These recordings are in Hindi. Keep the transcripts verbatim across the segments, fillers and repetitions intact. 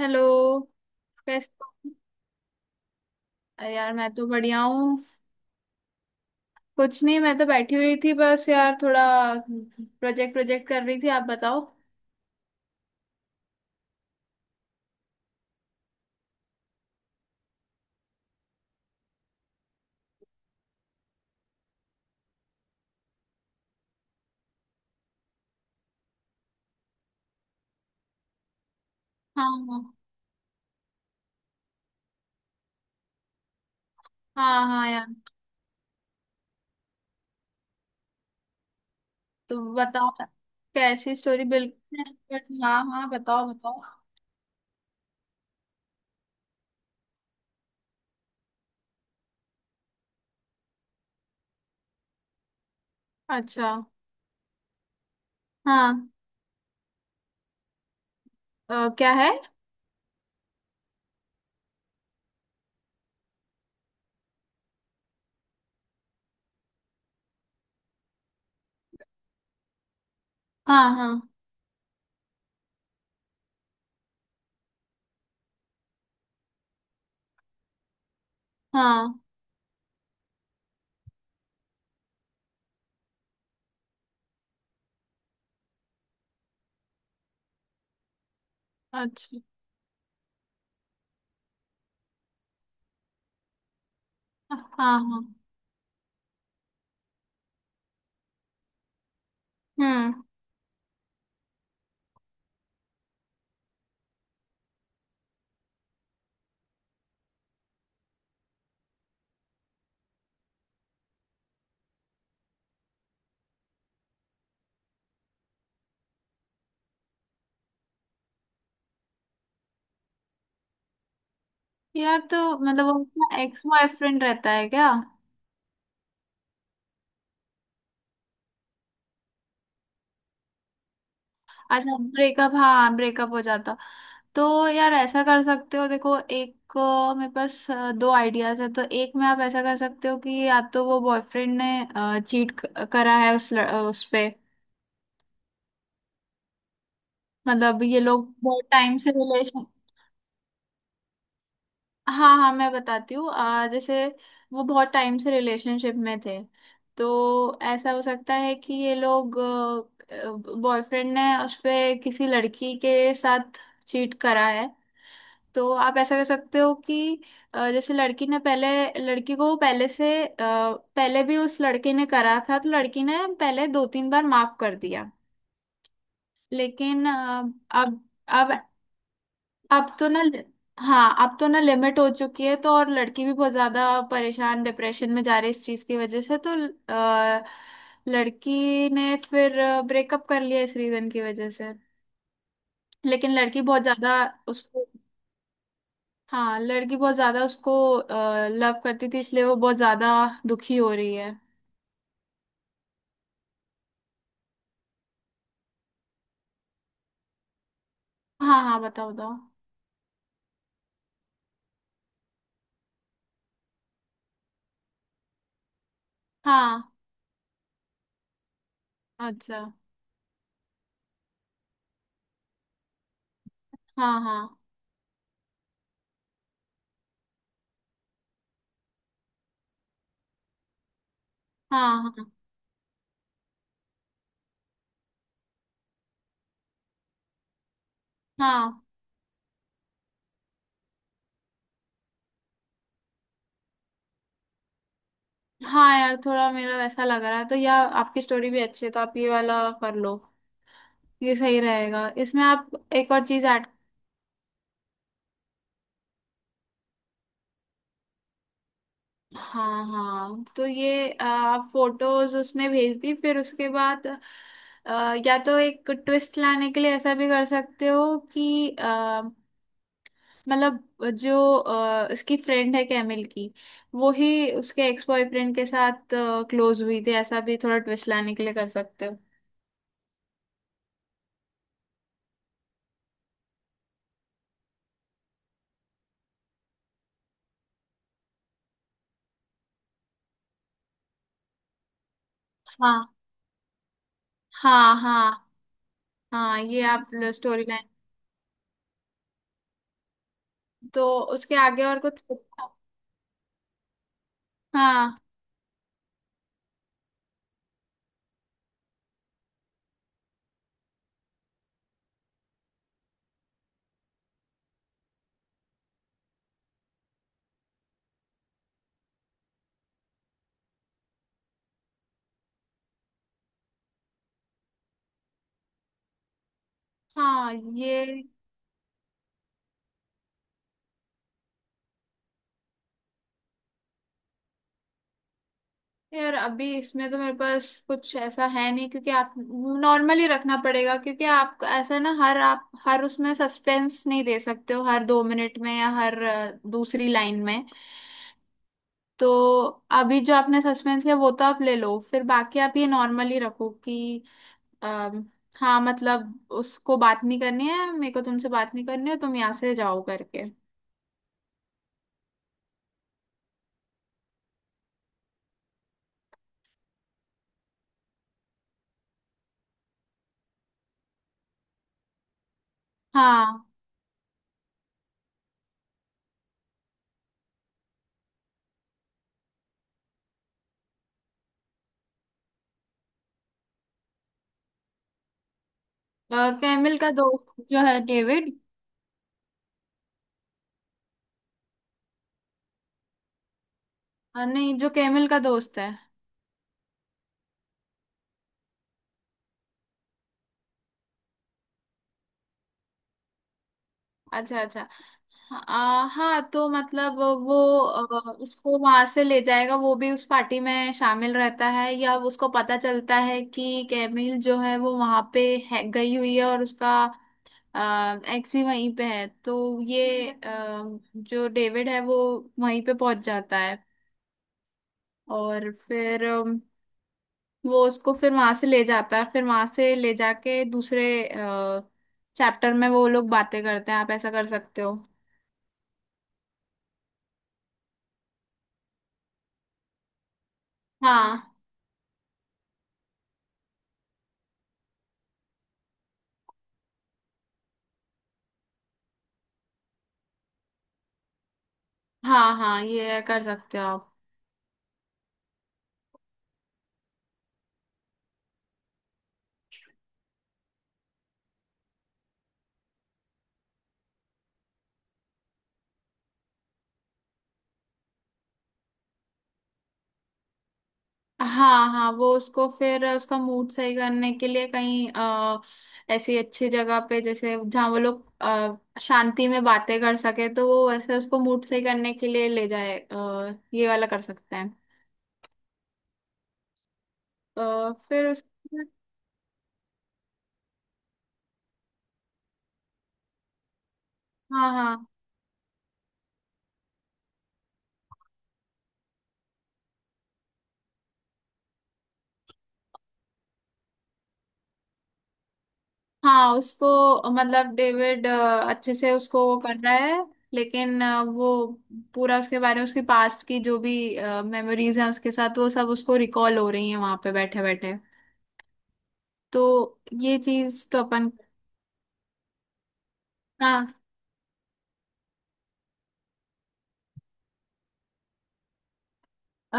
हेलो। कैसे हो? अरे यार, मैं तो बढ़िया हूँ। कुछ नहीं, मैं तो बैठी हुई थी, बस यार थोड़ा प्रोजेक्ट प्रोजेक्ट कर रही थी। आप बताओ। हाँ हाँ। हाँ हाँ यार। तो बताओ, कैसी स्टोरी? बिल्कुल, हाँ हाँ, बताओ बताओ। अच्छा। हाँ। अ, क्या है। हाँ हाँ। हाँ। अच्छा। हाँ हाँ। हम्म। यार, तो मतलब वो एक्स बॉयफ्रेंड रहता है क्या? अच्छा, ब्रेकअप। हाँ, ब्रेकअप हो जाता। तो यार, ऐसा कर सकते हो। देखो, एक अ, मेरे पास अ, दो आइडियाज है तो एक में आप ऐसा कर सकते हो कि या तो वो, बॉयफ्रेंड ने चीट करा है उस ल, अ, उस पे। मतलब ये लोग बहुत टाइम से रिलेशन। हाँ हाँ, मैं बताती हूँ। अ, जैसे वो बहुत टाइम से रिलेशनशिप में थे, तो ऐसा हो सकता है कि ये लोग, बॉयफ्रेंड ने उस पे किसी लड़की के साथ चीट करा है। तो आप ऐसा कर सकते हो कि अ, जैसे लड़की ने पहले, लड़की को पहले से अ, पहले भी उस लड़के ने करा था, तो लड़की ने पहले दो तीन बार माफ कर दिया। लेकिन अ, अब। अब। अब तो ना। हाँ, अब तो ना लिमिट हो चुकी है। तो और लड़की भी बहुत ज्यादा परेशान, डिप्रेशन में जा रही है इस चीज की वजह से। तो अ, लड़की ने फिर ब्रेकअप कर लिया इस रीजन की वजह से। लेकिन लड़की बहुत ज्यादा उसको। हाँ, लड़की बहुत ज्यादा उसको लव करती थी, इसलिए वो बहुत ज्यादा दुखी हो रही है। हाँ हाँ, बताओ बताओ। हाँ। अच्छा। हाँ हाँ। हाँ हाँ। हाँ हाँ यार, थोड़ा मेरा वैसा लग रहा है। तो या आपकी स्टोरी भी अच्छी है, तो आप ये वाला कर लो, ये सही रहेगा। इसमें आप एक और चीज ऐड। हाँ हाँ। तो ये, अ, आप फोटोज उसने भेज दी, फिर उसके बाद अ, या तो एक ट्विस्ट लाने के लिए ऐसा भी कर सकते हो कि मतलब जो अ, इसकी फ्रेंड है, कैमिल की, वो ही उसके एक्स बॉयफ्रेंड के साथ क्लोज हुई थी। ऐसा भी थोड़ा ट्विस्ट लाने के लिए कर सकते हो। हाँ हाँ। हाँ हाँ ये आप स्टोरी लाइन। तो उसके आगे और कुछ? हाँ हाँ, ये। यार, अभी इसमें तो मेरे पास कुछ ऐसा है नहीं, क्योंकि आप नॉर्मली रखना पड़ेगा। क्योंकि आप ऐसा ना, हर आप हर उसमें सस्पेंस नहीं दे सकते हो, हर दो मिनट में या हर अ, दूसरी लाइन में। तो अभी जो आपने सस्पेंस किया, वो तो आप ले लो। फिर बाकी आप ये नॉर्मली रखो कि अम, हाँ, मतलब उसको बात नहीं करनी है, मेरे को तुमसे बात नहीं करनी है, तुम यहाँ से जाओ, करके। हाँ। कैमिल का दोस्त जो है, डेविड। अ, नहीं, जो कैमिल का दोस्त है। अच्छा अच्छा। आ, हाँ, तो मतलब वो अ, उसको वहां से ले जाएगा। वो भी उस पार्टी में शामिल रहता है, या उसको पता चलता है कि कैमिल जो है वो वहां पे है, गई हुई है, और उसका एक्स भी वहीं पे है। तो ये अम, जो डेविड है वो वहीं पे पहुंच जाता है, और फिर अम, वो उसको फिर वहां से ले जाता है। फिर वहां से ले जाके दूसरे चैप्टर में वो लोग बातें करते हैं। आप ऐसा कर सकते हो। हाँ। हाँ हाँ, ये कर सकते हो आप। हाँ हाँ, वो उसको फिर उसका मूड सही करने के लिए कहीं आ, ऐसी अच्छी जगह पे, जैसे जहाँ वो लोग अ, शांति में बातें कर सके। तो वो ऐसे उसको मूड सही करने के लिए ले जाए। आ, ये वाला कर सकते हैं। अ, फिर उस। हाँ हाँ। हाँ, उसको मतलब, डेविड अ, अच्छे से उसको वो कर रहा है। लेकिन अ, वो पूरा उसके बारे में, उसके पास्ट की जो भी मेमोरीज हैं उसके साथ, वो सब उसको रिकॉल हो रही हैं वहां पे बैठे बैठे। तो ये चीज तो अपन। हाँ। अ,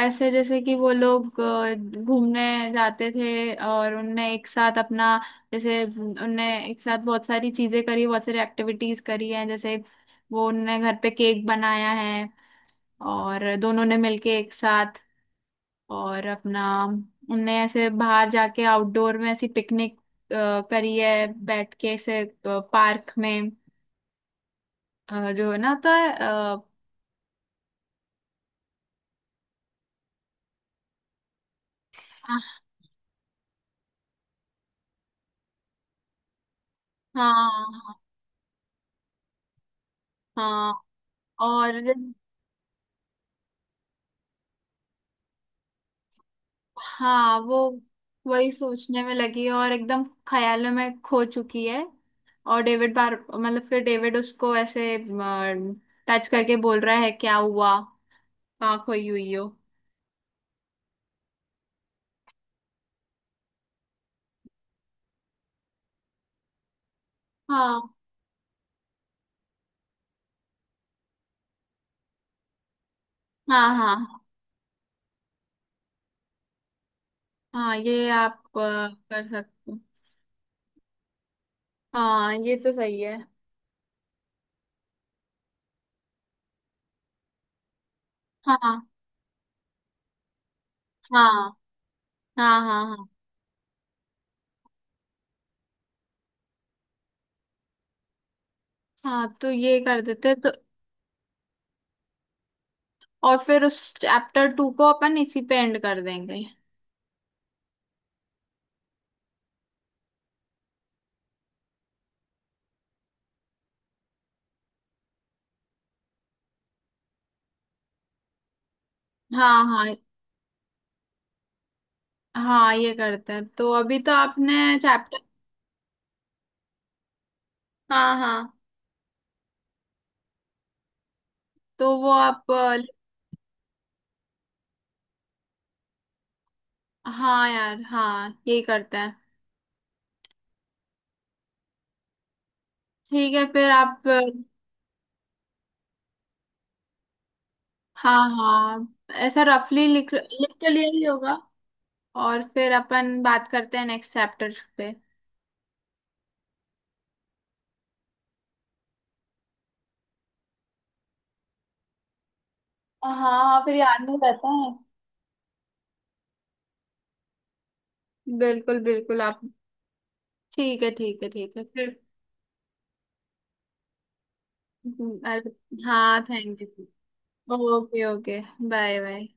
ऐसे जैसे कि वो लोग अ, घूमने जाते थे, और उनने एक साथ अपना, जैसे उनने एक साथ बहुत सारी चीजें करी, बहुत सारी एक्टिविटीज करी हैं। जैसे वो उनने घर पे केक बनाया है, और दोनों ने मिलके एक साथ, और अपना, उनने ऐसे बाहर जाके आउटडोर में ऐसी पिकनिक करी है, बैठ के ऐसे पार्क में। अ, जो है ना, होता है अ, हाँ हाँ। हाँ हाँ, और। हाँ, वो वही सोचने में लगी है, और एकदम ख्यालों में खो चुकी है। और डेविड बार मतलब फिर डेविड उसको ऐसे टच करके बोल रहा है, क्या हुआ, कहाँ खोई हुई हो। हाँ हाँ। हाँ हाँ, ये आप अ, कर सकते हो। हाँ, ये तो सही है। हाँ हाँ हाँ, हाँ हाँ हाँ, तो ये कर देते हैं। तो और फिर उस चैप्टर टू को अपन इसी पे एंड कर देंगे। हाँ हाँ। हाँ, ये करते हैं। तो अभी तो आपने चैप्टर। हाँ हाँ। तो वो आप अ, हाँ यार, हाँ यही करते हैं। ठीक है। फिर आप अ, हाँ हाँ। ऐसा रफली लिख लिख तो लिया ही होगा। और फिर अपन बात करते हैं नेक्स्ट चैप्टर पे। हाँ हाँ, फिर याद नहीं रहता है। बिल्कुल बिल्कुल आप। ठीक है, ठीक है, ठीक है। फिर हम्म। अरे, हाँ, thank you. Okay okay. Bye bye.